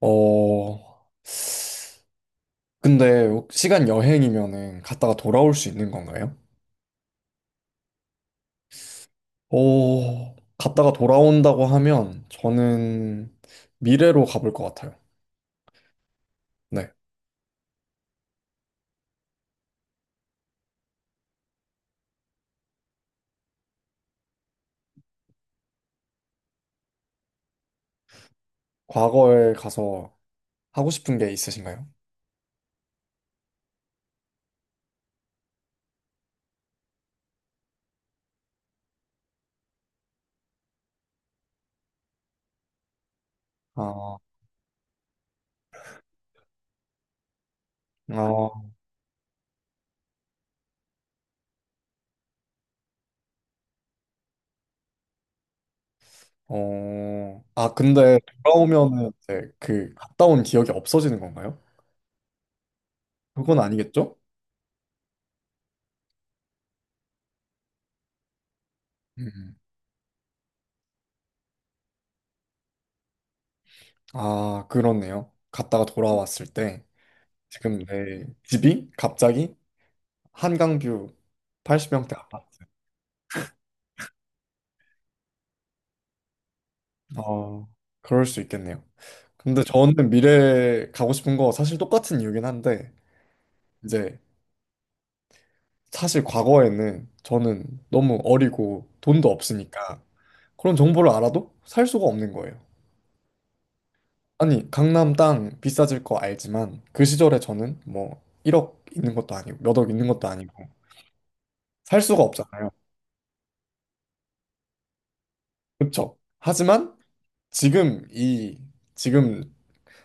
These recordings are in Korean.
어, 근데 시간 여행이면은 갔다가 돌아올 수 있는 건가요? 갔다가 돌아온다고 하면 저는 미래로 가볼 것 같아요. 네. 과거에 가서 하고 싶은 게 있으신가요? 아, 아, 근데 돌아오면은 이제 그 갔다 온 기억이 없어지는 건가요? 그건 아니겠죠? 음. 아, 그렇네요. 갔다가 돌아왔을 때 지금 내 집이 갑자기 한강뷰 80평대 아파트. 어, 그럴 수 있겠네요. 근데 네. 저는 미래에 가고 싶은 거 사실 똑같은 이유긴 한데, 이제 사실 과거에는 저는 너무 어리고 돈도 없으니까 그런 정보를 알아도 살 수가 없는 거예요. 아니, 강남 땅 비싸질 거 알지만 그 시절에 저는 뭐 1억 있는 것도 아니고 몇 억 있는 것도 아니고 살 수가 없잖아요. 그렇죠? 하지만 지금 이 지금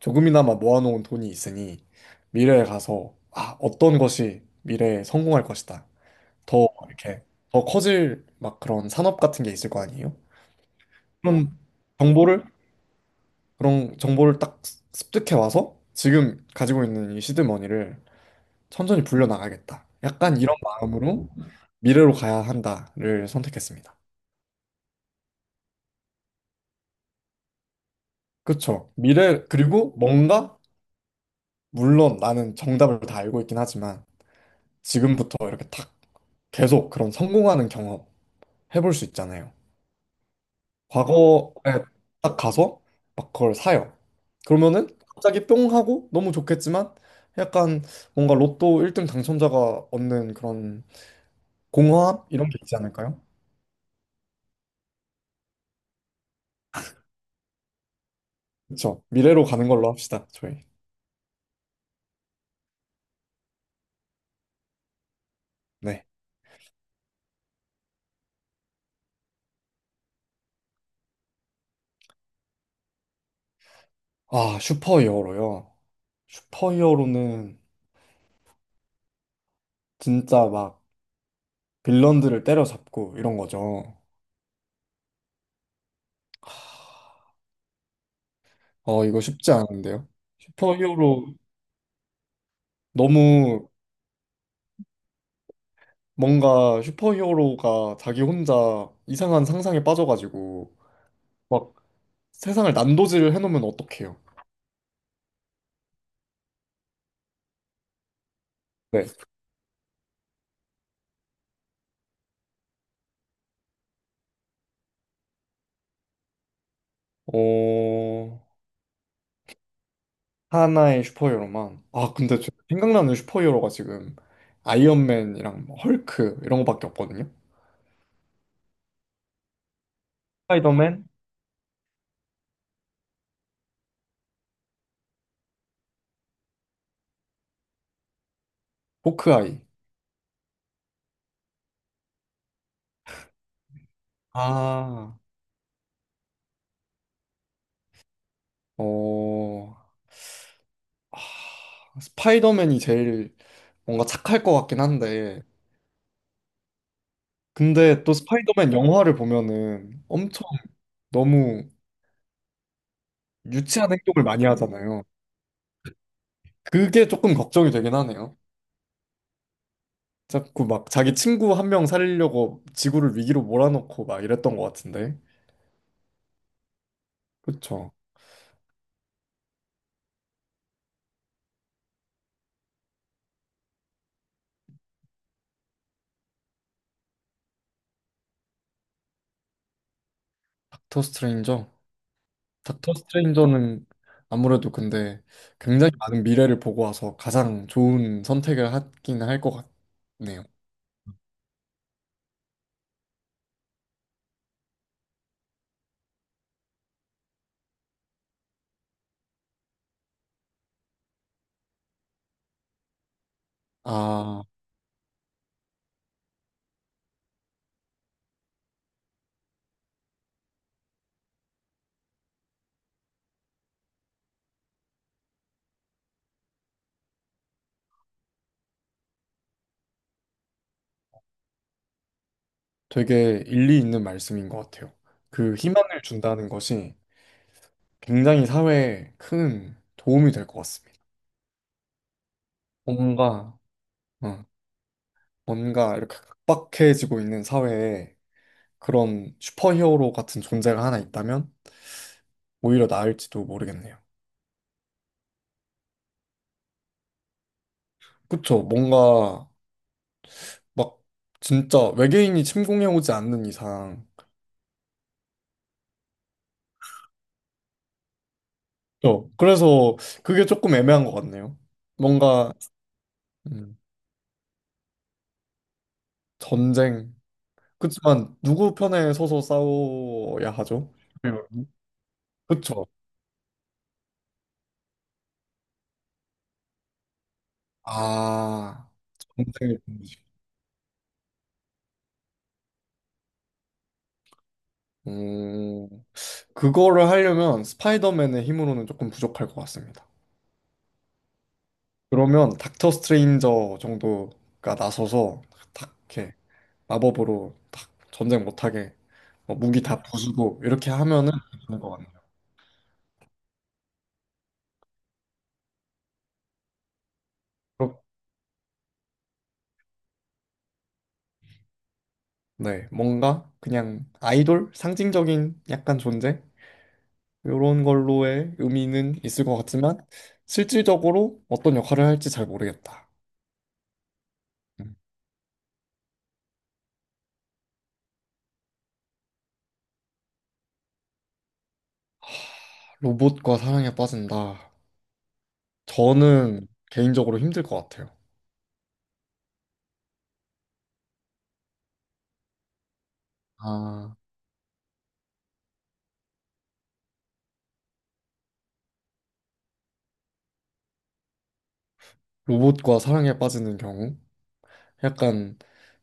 조금이나마 모아놓은 돈이 있으니 미래에 가서 아, 어떤 것이 미래에 성공할 것이다. 더 이렇게 더 커질 막 그런 산업 같은 게 있을 거 아니에요? 그럼 정보를 그런 정보를 딱 습득해 와서 지금 가지고 있는 이 시드머니를 천천히 불려 나가겠다. 약간 이런 마음으로 미래로 가야 한다를 선택했습니다. 그쵸? 미래 그리고 뭔가 물론 나는 정답을 다 알고 있긴 하지만 지금부터 이렇게 탁 계속 그런 성공하는 경험 해볼 수 있잖아요. 과거에 딱 가서 막 그걸 사요. 그러면은 갑자기 뿅 하고 너무 좋겠지만 약간 뭔가 로또 1등 당첨자가 얻는 그런 공허함 이런 게 있지 않을까요? 그쵸. 미래로 가는 걸로 합시다, 저희. 네. 아, 슈퍼히어로요. 슈퍼히어로는 진짜 막 빌런들을 때려잡고 이런 거죠. 하, 이거 쉽지 않은데요. 슈퍼히어로 너무 뭔가 슈퍼히어로가 자기 혼자 이상한 상상에 빠져가지고 막 세상을 난도질을 해놓으면 어떡해요? 네. 어, 하나의 슈퍼히어로만. 아, 근데 저 생각나는 슈퍼히어로가 지금 아이언맨이랑 뭐 헐크 이런 거밖에 없거든요. 스파이더맨? 호크아이. 아, 어, 아, 스파이더맨이 제일 뭔가 착할 것 같긴 한데, 근데 또 스파이더맨 영화를 보면은 엄청 너무 유치한 행동을 많이 하잖아요. 그게 조금 걱정이 되긴 하네요. 자꾸 막 자기 친구 한 명 살리려고 지구를 위기로 몰아넣고 막 이랬던 것 같은데. 그쵸. 닥터 스트레인저? 닥터 스트레인저는 아무래도 근데 굉장히 많은 미래를 보고 와서 가장 좋은 선택을 하긴 할 것 같네요. 아, 되게 일리 있는 말씀인 것 같아요. 그 희망을 준다는 것이 굉장히 사회에 큰 도움이 될 것 같습니다. 뭔가, 어, 뭔가 이렇게 각박해지고 있는 사회에 그런 슈퍼히어로 같은 존재가 하나 있다면 오히려 나을지도 모르겠네요. 그쵸? 뭔가 막 진짜 외계인이 침공해오지 않는 이상. 그래서 그게 조금 애매한 것 같네요. 뭔가 음, 전쟁. 그렇지만 누구 편에 서서 싸워야 하죠? 음. 그쵸? 아, 전쟁의 분위기. 그거를 하려면 스파이더맨의 힘으로는 조금 부족할 것 같습니다. 그러면 닥터 스트레인저 정도가 나서서 탁 이렇게 마법으로 탁 전쟁 못하게 뭐 무기 다 부수고 이렇게 하면은 괜찮을 것 같네요. 그렇- 네, 뭔가 그냥 아이돌 상징적인 약간 존재 이런 걸로의 의미는 있을 것 같지만 실질적으로 어떤 역할을 할지 잘 모르겠다. 음. 로봇과 사랑에 빠진다. 저는 개인적으로 힘들 것 같아요. 아, 로봇과 사랑에 빠지는 경우. 약간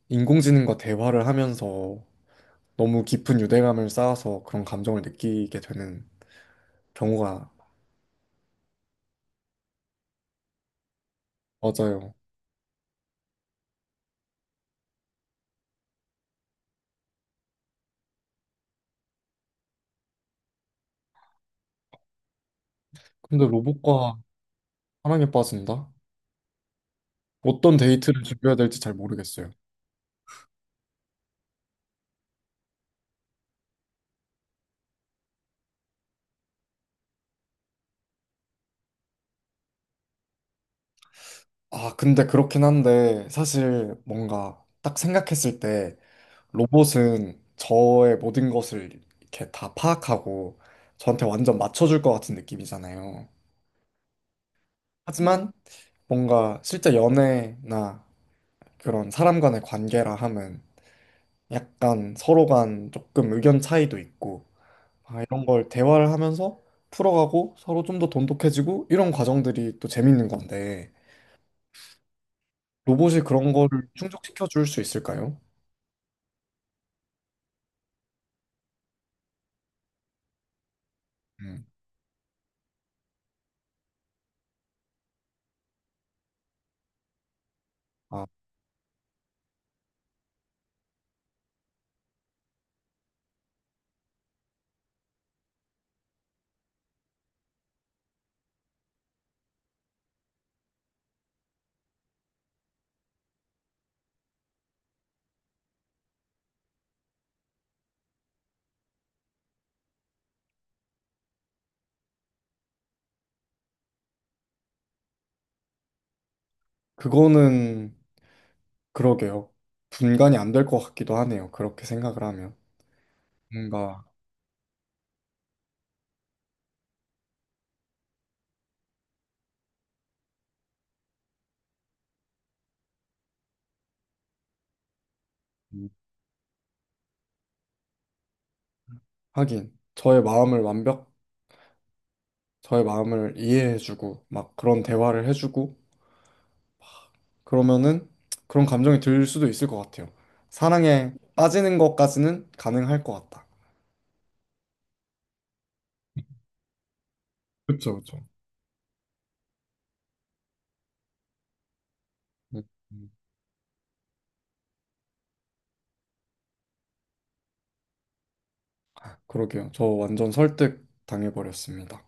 인공지능과 대화를 하면서 너무 깊은 유대감을 쌓아서 그런 감정을 느끼게 되는 경우가 맞아요. 근데 로봇과 사랑에 빠진다? 어떤 데이트를 준비해야 될지 잘 모르겠어요. 아, 근데 그렇긴 한데 사실 뭔가 딱 생각했을 때 로봇은 저의 모든 것을 이렇게 다 파악하고 저한테 완전 맞춰줄 것 같은 느낌이잖아요. 하지만 뭔가 실제 연애나 그런 사람 간의 관계라 함은 약간 서로 간 조금 의견 차이도 있고 아, 이런 걸 대화를 하면서 풀어가고 서로 좀 더 돈독해지고 이런 과정들이 또 재밌는 건데 로봇이 그런 거를 충족시켜 줄 수 있을까요? 음. 아, 그거는 그러게요. 분간이 안 될 것 같기도 하네요. 그렇게 생각을 하면 뭔가 음, 하긴 저의 마음을 이해해주고 막 그런 대화를 해주고 그러면은 그런 감정이 들 수도 있을 것 같아요. 사랑에 빠지는 것까지는 가능할 것 같다. 그쵸, 그쵸. 음. 음. 그러게요. 저 완전 설득 당해버렸습니다.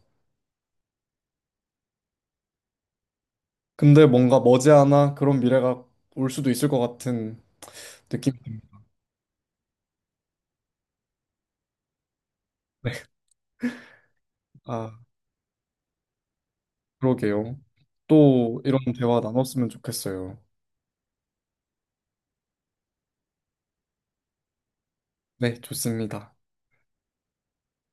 근데 뭔가 머지않아 그런 미래가 올 수도 있을 것 같은 느낌. 네, 아, 그러게요. 또 이런 대화 나눴으면 좋겠어요. 네, 좋습니다.